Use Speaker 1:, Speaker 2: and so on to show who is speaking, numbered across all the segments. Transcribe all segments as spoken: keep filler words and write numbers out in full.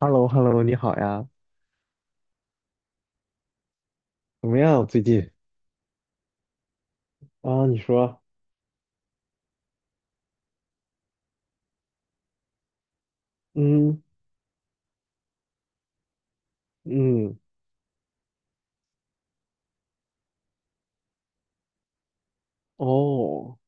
Speaker 1: h e l l o h e l l o 你好呀，怎么样最近？啊，你说，嗯嗯，哦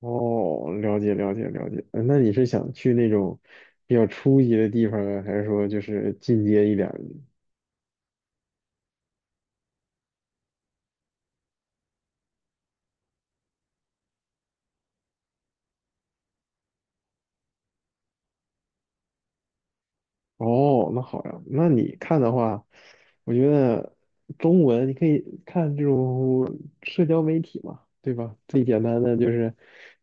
Speaker 1: 哦，了解了解了解。呃那你是想去那种比较初级的地方呢，还是说就是进阶一点儿的？哦，那好呀，那你看的话，我觉得中文你可以看这种社交媒体嘛，对吧？最简单的就是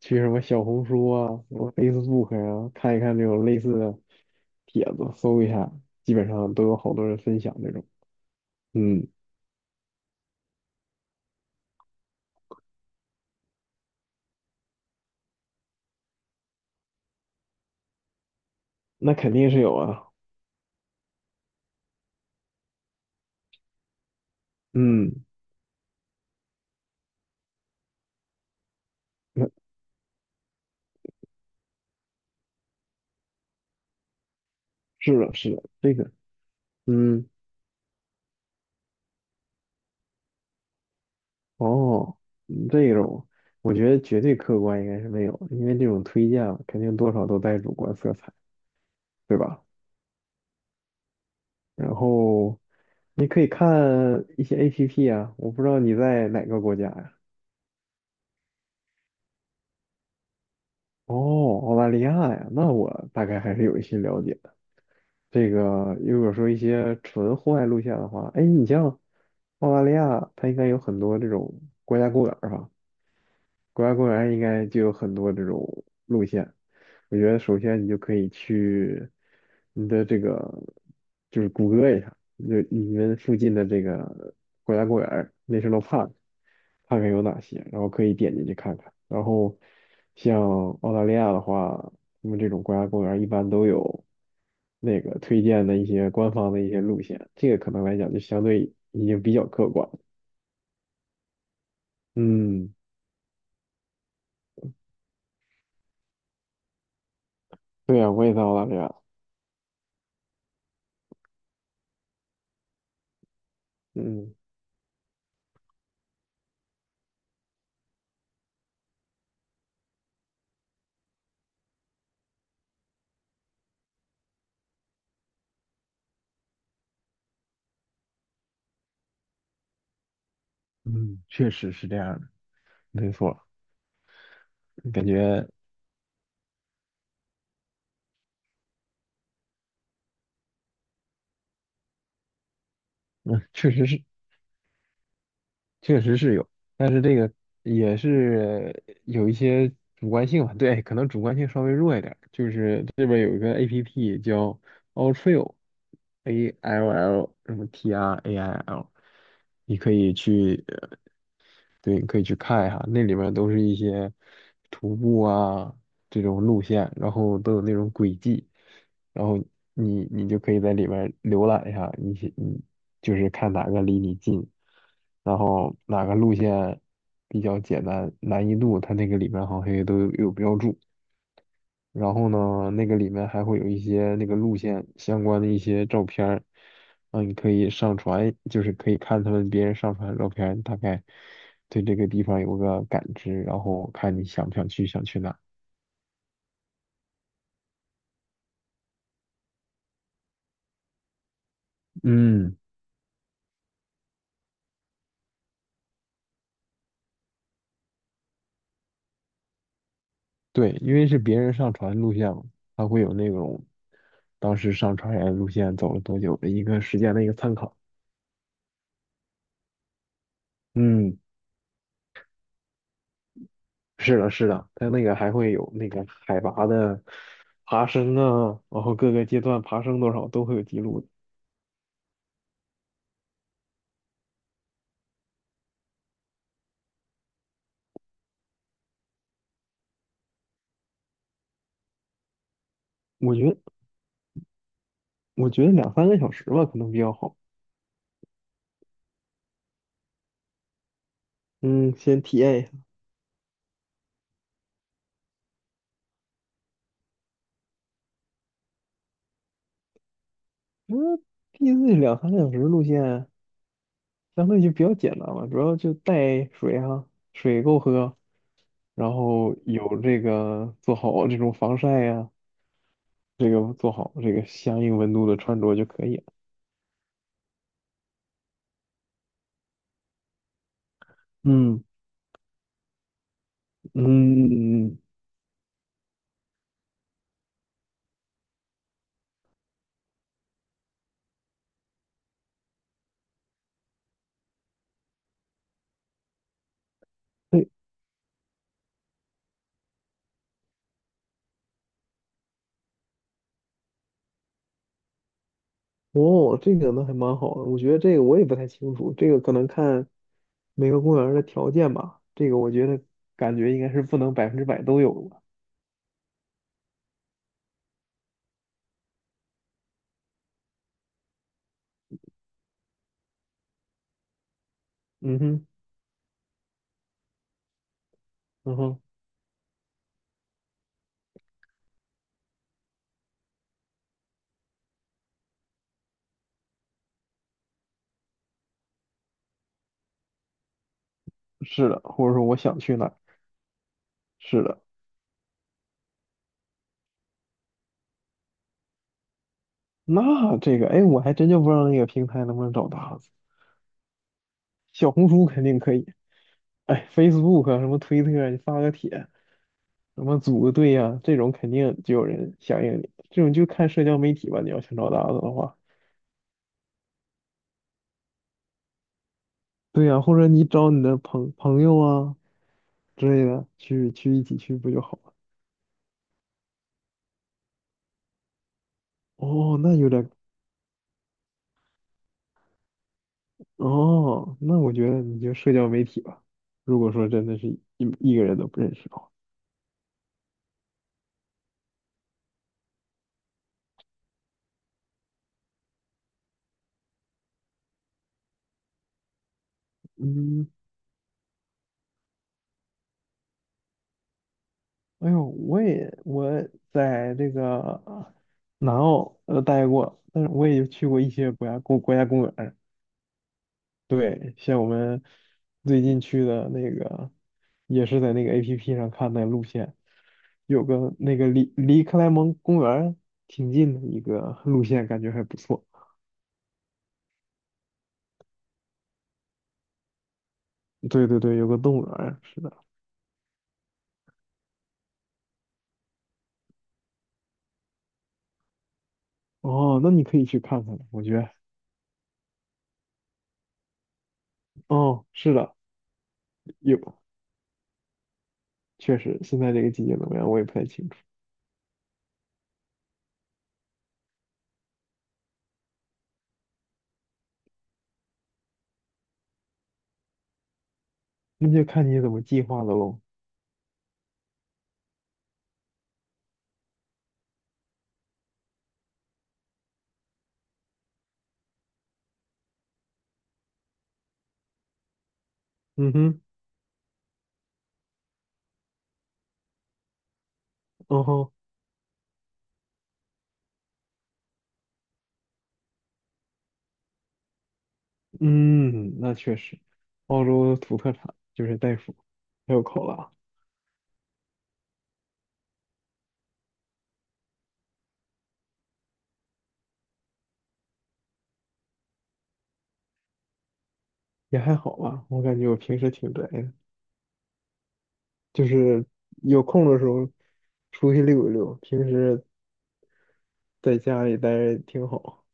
Speaker 1: 去什么小红书啊、什么 Facebook 啊，看一看这种类似的帖子，搜一下，基本上都有好多人分享这种。嗯，那肯定是有啊。嗯，那是的，是的，这个，嗯，哦，嗯这种我觉得绝对客观应该是没有，因为这种推荐啊肯定多少都带主观色彩。对吧？然后你可以看一些 A P P 啊，我不知道你在哪个国家呀？哦，澳大利亚呀，那我大概还是有一些了解的。这个如果说一些纯户外路线的话，哎，你像澳大利亚，它应该有很多这种国家公园儿吧？国家公园应该就有很多这种路线。我觉得首先你就可以去你的这个，就是谷歌一下，就你们附近的这个国家公园儿 n a t i o 看看有哪些，然后可以点进去看看。然后像澳大利亚的话，他们这种国家公园儿一般都有那个推荐的一些官方的一些路线，这个可能来讲就相对已经比较客观了。嗯，对呀，我也在澳大利亚。嗯。嗯，确实是这样的，没错，感觉嗯，确实是，确实是有，也是有一些主观性吧，对，可能主观性稍微弱一点儿就是这边有一个 A P P 叫 Alltrail，A L L 什么 T R A I L，你可以去对，你可以去看一下，那里面都是一些徒步啊这种路线，然后都有那种轨迹，然后你你就可以在里面浏览一下，你你就是看哪个离你近，然后哪个路线比较简单，难易度它那个里面好像也都有有标注。然后呢，那个里面还会有一些那个路线相关的一些照片儿，啊，你可以上传，就是可以看他们别人上传的照片儿大概对这个地方有个感知，然后看你想不想去，想去哪儿。嗯，对，因为是别人上传路线嘛，它会有那种当时上传人路线走了多久的一个时间的一个参考。嗯，是的，是的，它那个还会有那个海拔的爬升啊，然后各个阶段爬升多少都会有记录的。我觉得我觉得两三个小时吧，可能比较好。嗯，先体验一下。嗯一 z 两三个小时路线相对就比较简单嘛，主要就带水啊，水够喝，然后有这个做好这种防晒呀、这个做好这个相应温度的穿着就可以了。嗯嗯嗯，哦，这个那还蛮好的。我觉得这个我也不太清楚，这个可能看每个公园儿的条件吧。这个我觉得感觉应该是不能百分之百都有的。嗯哼。嗯哼，是的，或者说我想去哪儿，是的，那这个，哎，我还真就不知道那个平台能不能找搭子，小红书肯定可以，哎，Facebook 啊什么推特啊你发个帖，什么组个队呀、这种肯定就有人响应你，这种就看社交媒体吧，你要想找搭子的话，对呀、或者你找你的朋朋友啊之类的，去去一起去不就好了？哦，那有点，哦，那我觉得你就社交媒体吧，如果说真的是一一个人都不认识的话。嗯，哎呦，我也我在这个南澳呃待过，但是我也去过一些国家公国家公园儿。对，像我们最近去的那个，也是在那个 A P P 上看的路线，有个那个离离克莱蒙公园儿挺近的一个路线，感觉还不错。对对对，有个动物园儿是的。哦，那你可以去看看的我觉得。哦，是的，有，确实，现在这个季节怎么样，我也不太清楚，那就看你怎么计划的喽。嗯哼，哦吼，嗯，那确实，澳洲土特产就是袋鼠，还有考拉，也还好吧。我感觉我平时挺宅的，就是有空的时候出去溜一溜，平时在家里待着挺好。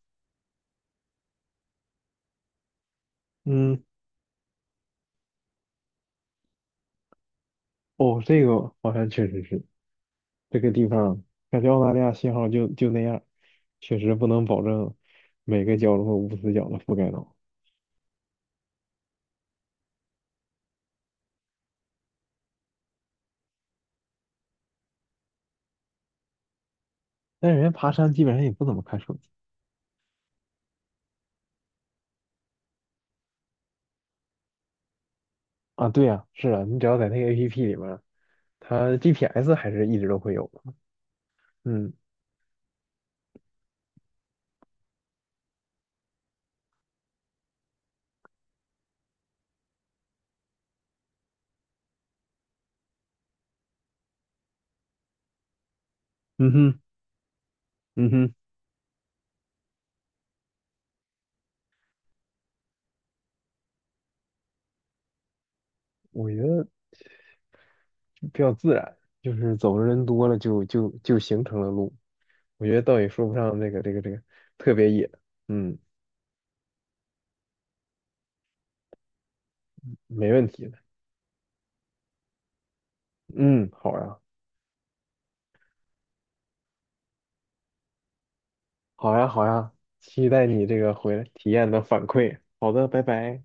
Speaker 1: 嗯，哦，这个好像确实是这个地方，感觉澳大利亚信号就就那样，确实不能保证每个角落无死角的覆盖到。但人家爬山基本上也不怎么看手机啊。对呀，是啊，你只要在那个 A P P 里面。它 G P S 还是一直都会有的。嗯，嗯哼，嗯哼，我觉得比较自然，就是走的人多了就就就形成了路。我觉得倒也说不上那个这个这个特别野。嗯，没问题的。嗯，好呀，好呀，好呀，期待你这个回来体验的反馈。好的，拜拜。